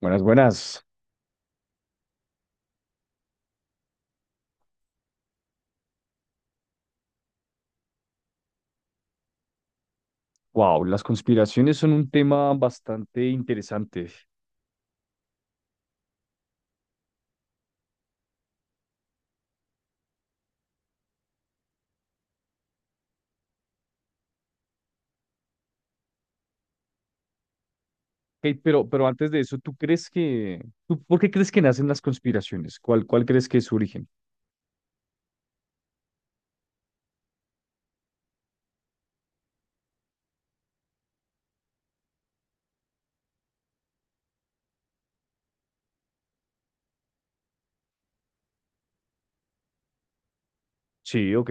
Buenas, buenas. Wow, las conspiraciones son un tema bastante interesante. Ok, pero antes de eso, ¿tú crees que, tú, por qué crees que nacen las conspiraciones? ¿Cuál, cuál crees que es su origen? Sí, ok.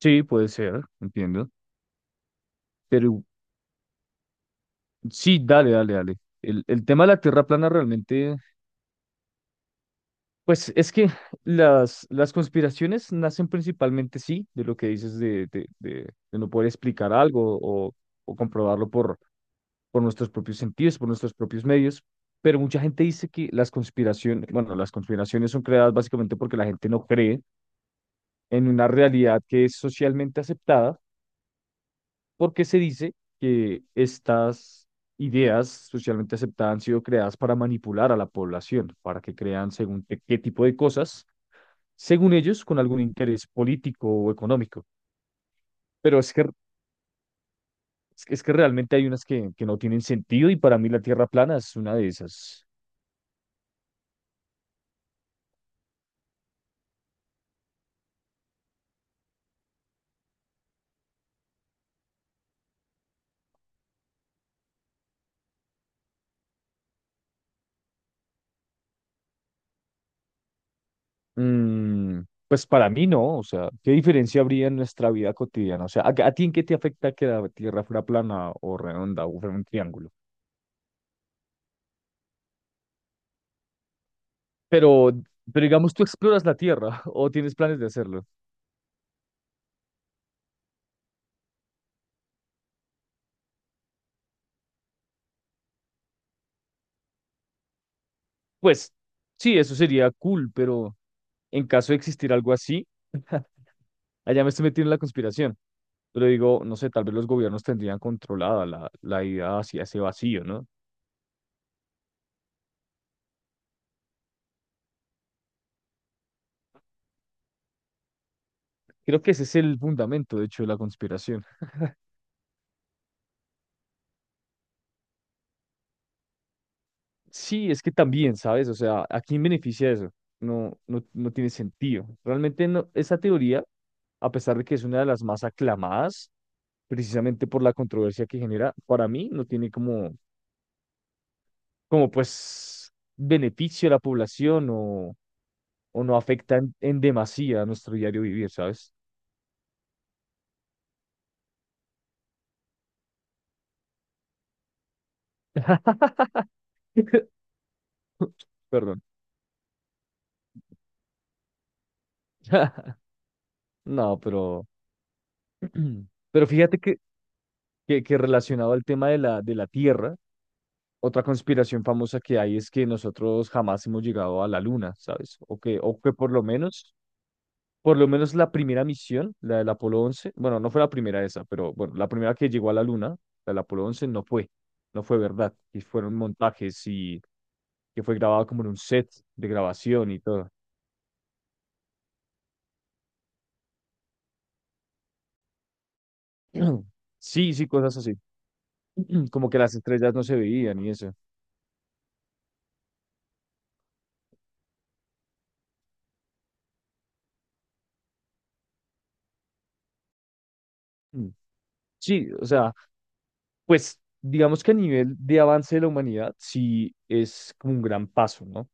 Sí, puede ser, entiendo. Pero sí, dale, dale, dale. El tema de la Tierra plana realmente, pues es que las conspiraciones nacen principalmente, sí, de lo que dices de, de no poder explicar algo o comprobarlo por nuestros propios sentidos, por nuestros propios medios, pero mucha gente dice que las conspiraciones, bueno, las conspiraciones son creadas básicamente porque la gente no cree en una realidad que es socialmente aceptada, porque se dice que estas ideas socialmente aceptadas han sido creadas para manipular a la población, para que crean según qué, qué tipo de cosas, según ellos, con algún interés político o económico. Pero es que realmente hay unas que no tienen sentido, y para mí la Tierra plana es una de esas. Mm, pues para mí no. O sea, ¿qué diferencia habría en nuestra vida cotidiana? O sea, a ti en qué te afecta que la Tierra fuera plana o redonda o fuera un triángulo? Pero, pero digamos, tú exploras la Tierra o tienes planes de hacerlo. Pues sí, eso sería cool, pero en caso de existir algo así, allá me estoy metiendo en la conspiración. Pero digo, no sé, tal vez los gobiernos tendrían controlada la, la idea hacia ese vacío, ¿no? Creo que ese es el fundamento, de hecho, de la conspiración. Sí, es que también, ¿sabes? O sea, ¿a quién beneficia eso? No, no, no tiene sentido. Realmente no, esa teoría, a pesar de que es una de las más aclamadas, precisamente por la controversia que genera, para mí no tiene como, como pues beneficio a la población o no afecta en demasía a nuestro diario vivir, ¿sabes? Perdón. No, pero, pero fíjate que, que relacionado al tema de la tierra. Otra conspiración famosa que hay es que nosotros jamás hemos llegado a la Luna, ¿sabes? O que por lo menos la primera misión, la del Apolo once, bueno, no fue la primera esa, pero bueno, la primera que llegó a la Luna, la del Apolo 11 no fue, no fue verdad, y fueron montajes y que fue grabado como en un set de grabación y todo. Sí, sí, cosas así, como que las estrellas no se veían y eso. Mm. Sí, o sea, pues digamos que a nivel de avance de la humanidad, sí es como un gran paso, ¿no?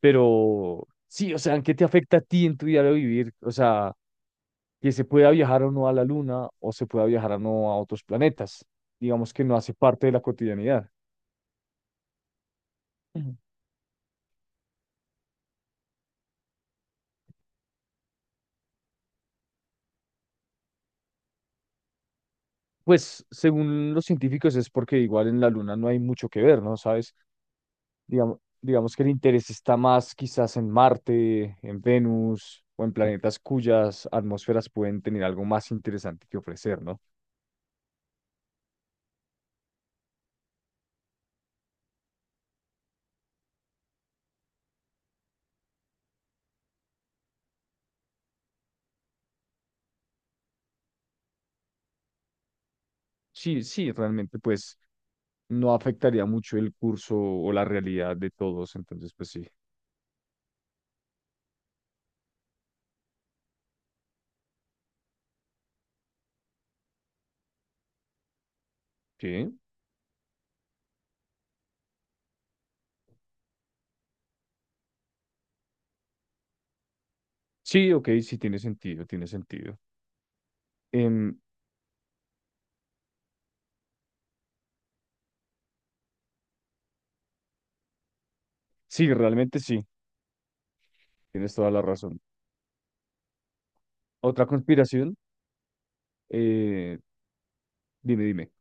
Pero sí, o sea, ¿en qué te afecta a ti en tu diario vivir? O sea, que se pueda viajar o no a la luna, o se pueda viajar o no a otros planetas. Digamos que no hace parte de la cotidianidad. Ujú. Pues según los científicos es porque igual en la luna no hay mucho que ver, ¿no? ¿Sabes? Digamos que el interés está más quizás en Marte, en Venus o en planetas cuyas atmósferas pueden tener algo más interesante que ofrecer, ¿no? Sí, sí, realmente pues no afectaría mucho el curso o la realidad de todos. Entonces, pues sí. Sí, sí, ok, sí tiene sentido, tiene sentido. Em, sí, realmente sí, tienes toda la razón. Otra conspiración, eh, dime, dime.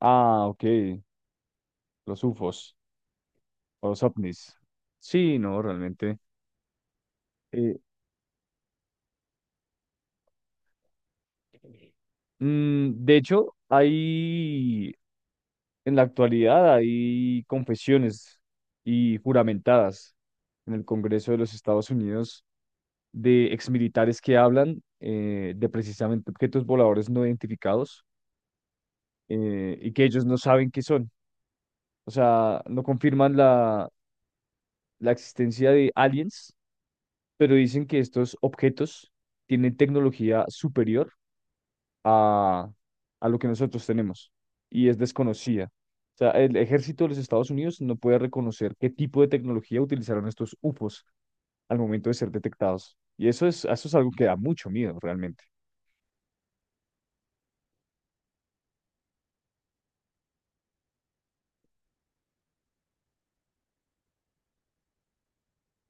Ah, ok, los UFOs, o los ovnis. Sí, no, realmente. eh, de hecho, hay, en la actualidad hay confesiones y juramentadas en el Congreso de los Estados Unidos de exmilitares que hablan, de precisamente objetos voladores no identificados, y que ellos no saben qué son. O sea, no confirman la, la existencia de aliens, pero dicen que estos objetos tienen tecnología superior a, a lo que nosotros tenemos, y es desconocida. O sea, el ejército de los Estados Unidos no puede reconocer qué tipo de tecnología utilizaron estos UFOs al momento de ser detectados. Y eso es algo que da mucho miedo realmente.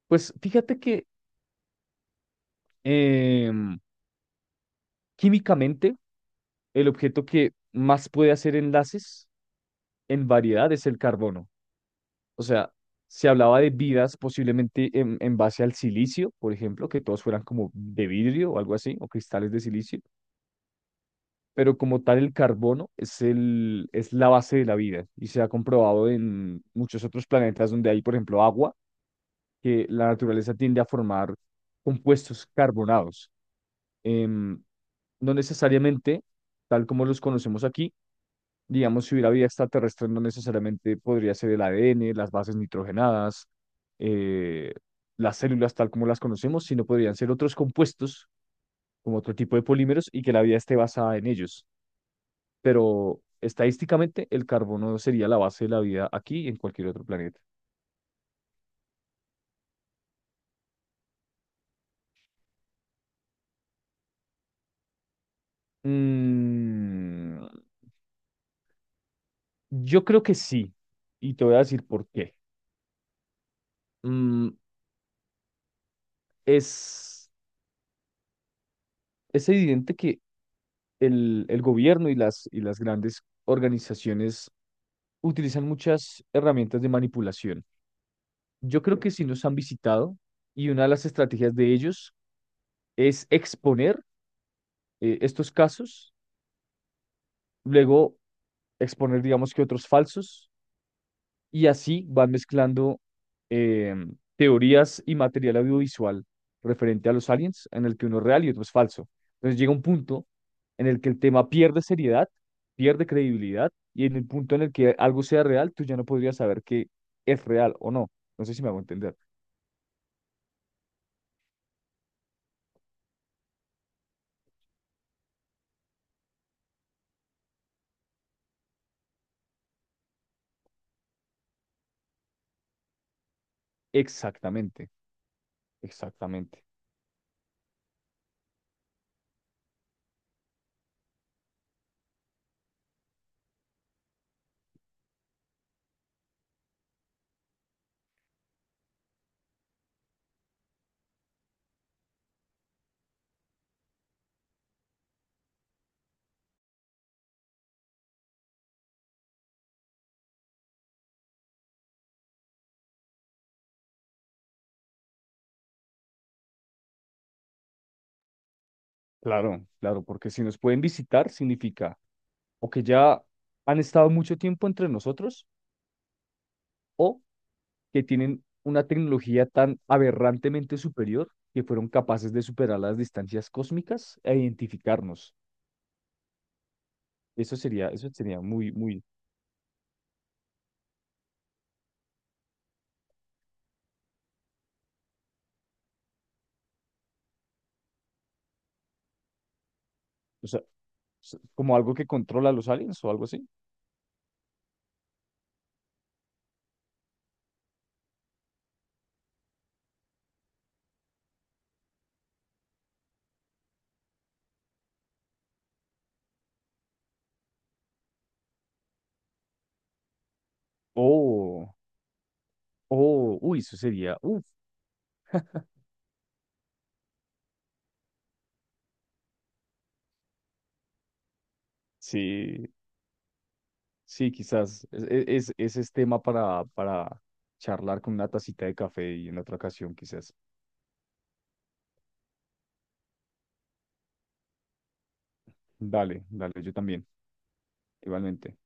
Pues fíjate que Em, químicamente, el objeto que más puede hacer enlaces en variedad es el carbono. O sea, se hablaba de vidas posiblemente en base al silicio, por ejemplo, que todos fueran como de vidrio o algo así, o cristales de silicio, pero como tal el carbono es el, es la base de la vida, y se ha comprobado en muchos otros planetas donde hay, por ejemplo, agua, que la naturaleza tiende a formar compuestos carbonados. Em, no necesariamente tal como los conocemos aquí. Digamos, si hubiera vida extraterrestre, no necesariamente podría ser el ADN, las bases nitrogenadas, eh, las células tal como las conocemos, sino podrían ser otros compuestos, como otro tipo de polímeros, y que la vida esté basada en ellos. Pero estadísticamente, el carbono sería la base de la vida aquí y en cualquier otro planeta. Mm, yo creo que sí, y te voy a decir por qué. Mm, es, es evidente que el gobierno y las grandes organizaciones utilizan muchas herramientas de manipulación. Yo creo que sí nos han visitado, y una de las estrategias de ellos es exponer, estos casos, luego exponer, digamos, que otros falsos, y así van mezclando, eh, teorías y material audiovisual referente a los aliens, en el que uno es real y otro es falso. Entonces llega un punto en el que el tema pierde seriedad, pierde credibilidad, y en el punto en el que algo sea real, tú ya no podrías saber que es real o no. No sé si me hago entender. Exactamente, exactamente. Claro, claro, porque si nos pueden visitar significa o que ya han estado mucho tiempo entre nosotros, o que tienen una tecnología tan aberrantemente superior que fueron capaces de superar las distancias cósmicas e identificarnos. Eso sería muy, muy, o sea, s- como algo que controla a los aliens o algo así. O, o, uy, eso sería, uff, sí. Sí, quizás es, es tema para charlar con una tacita de café y en otra ocasión, quizás. Dale, dale, yo también, igualmente.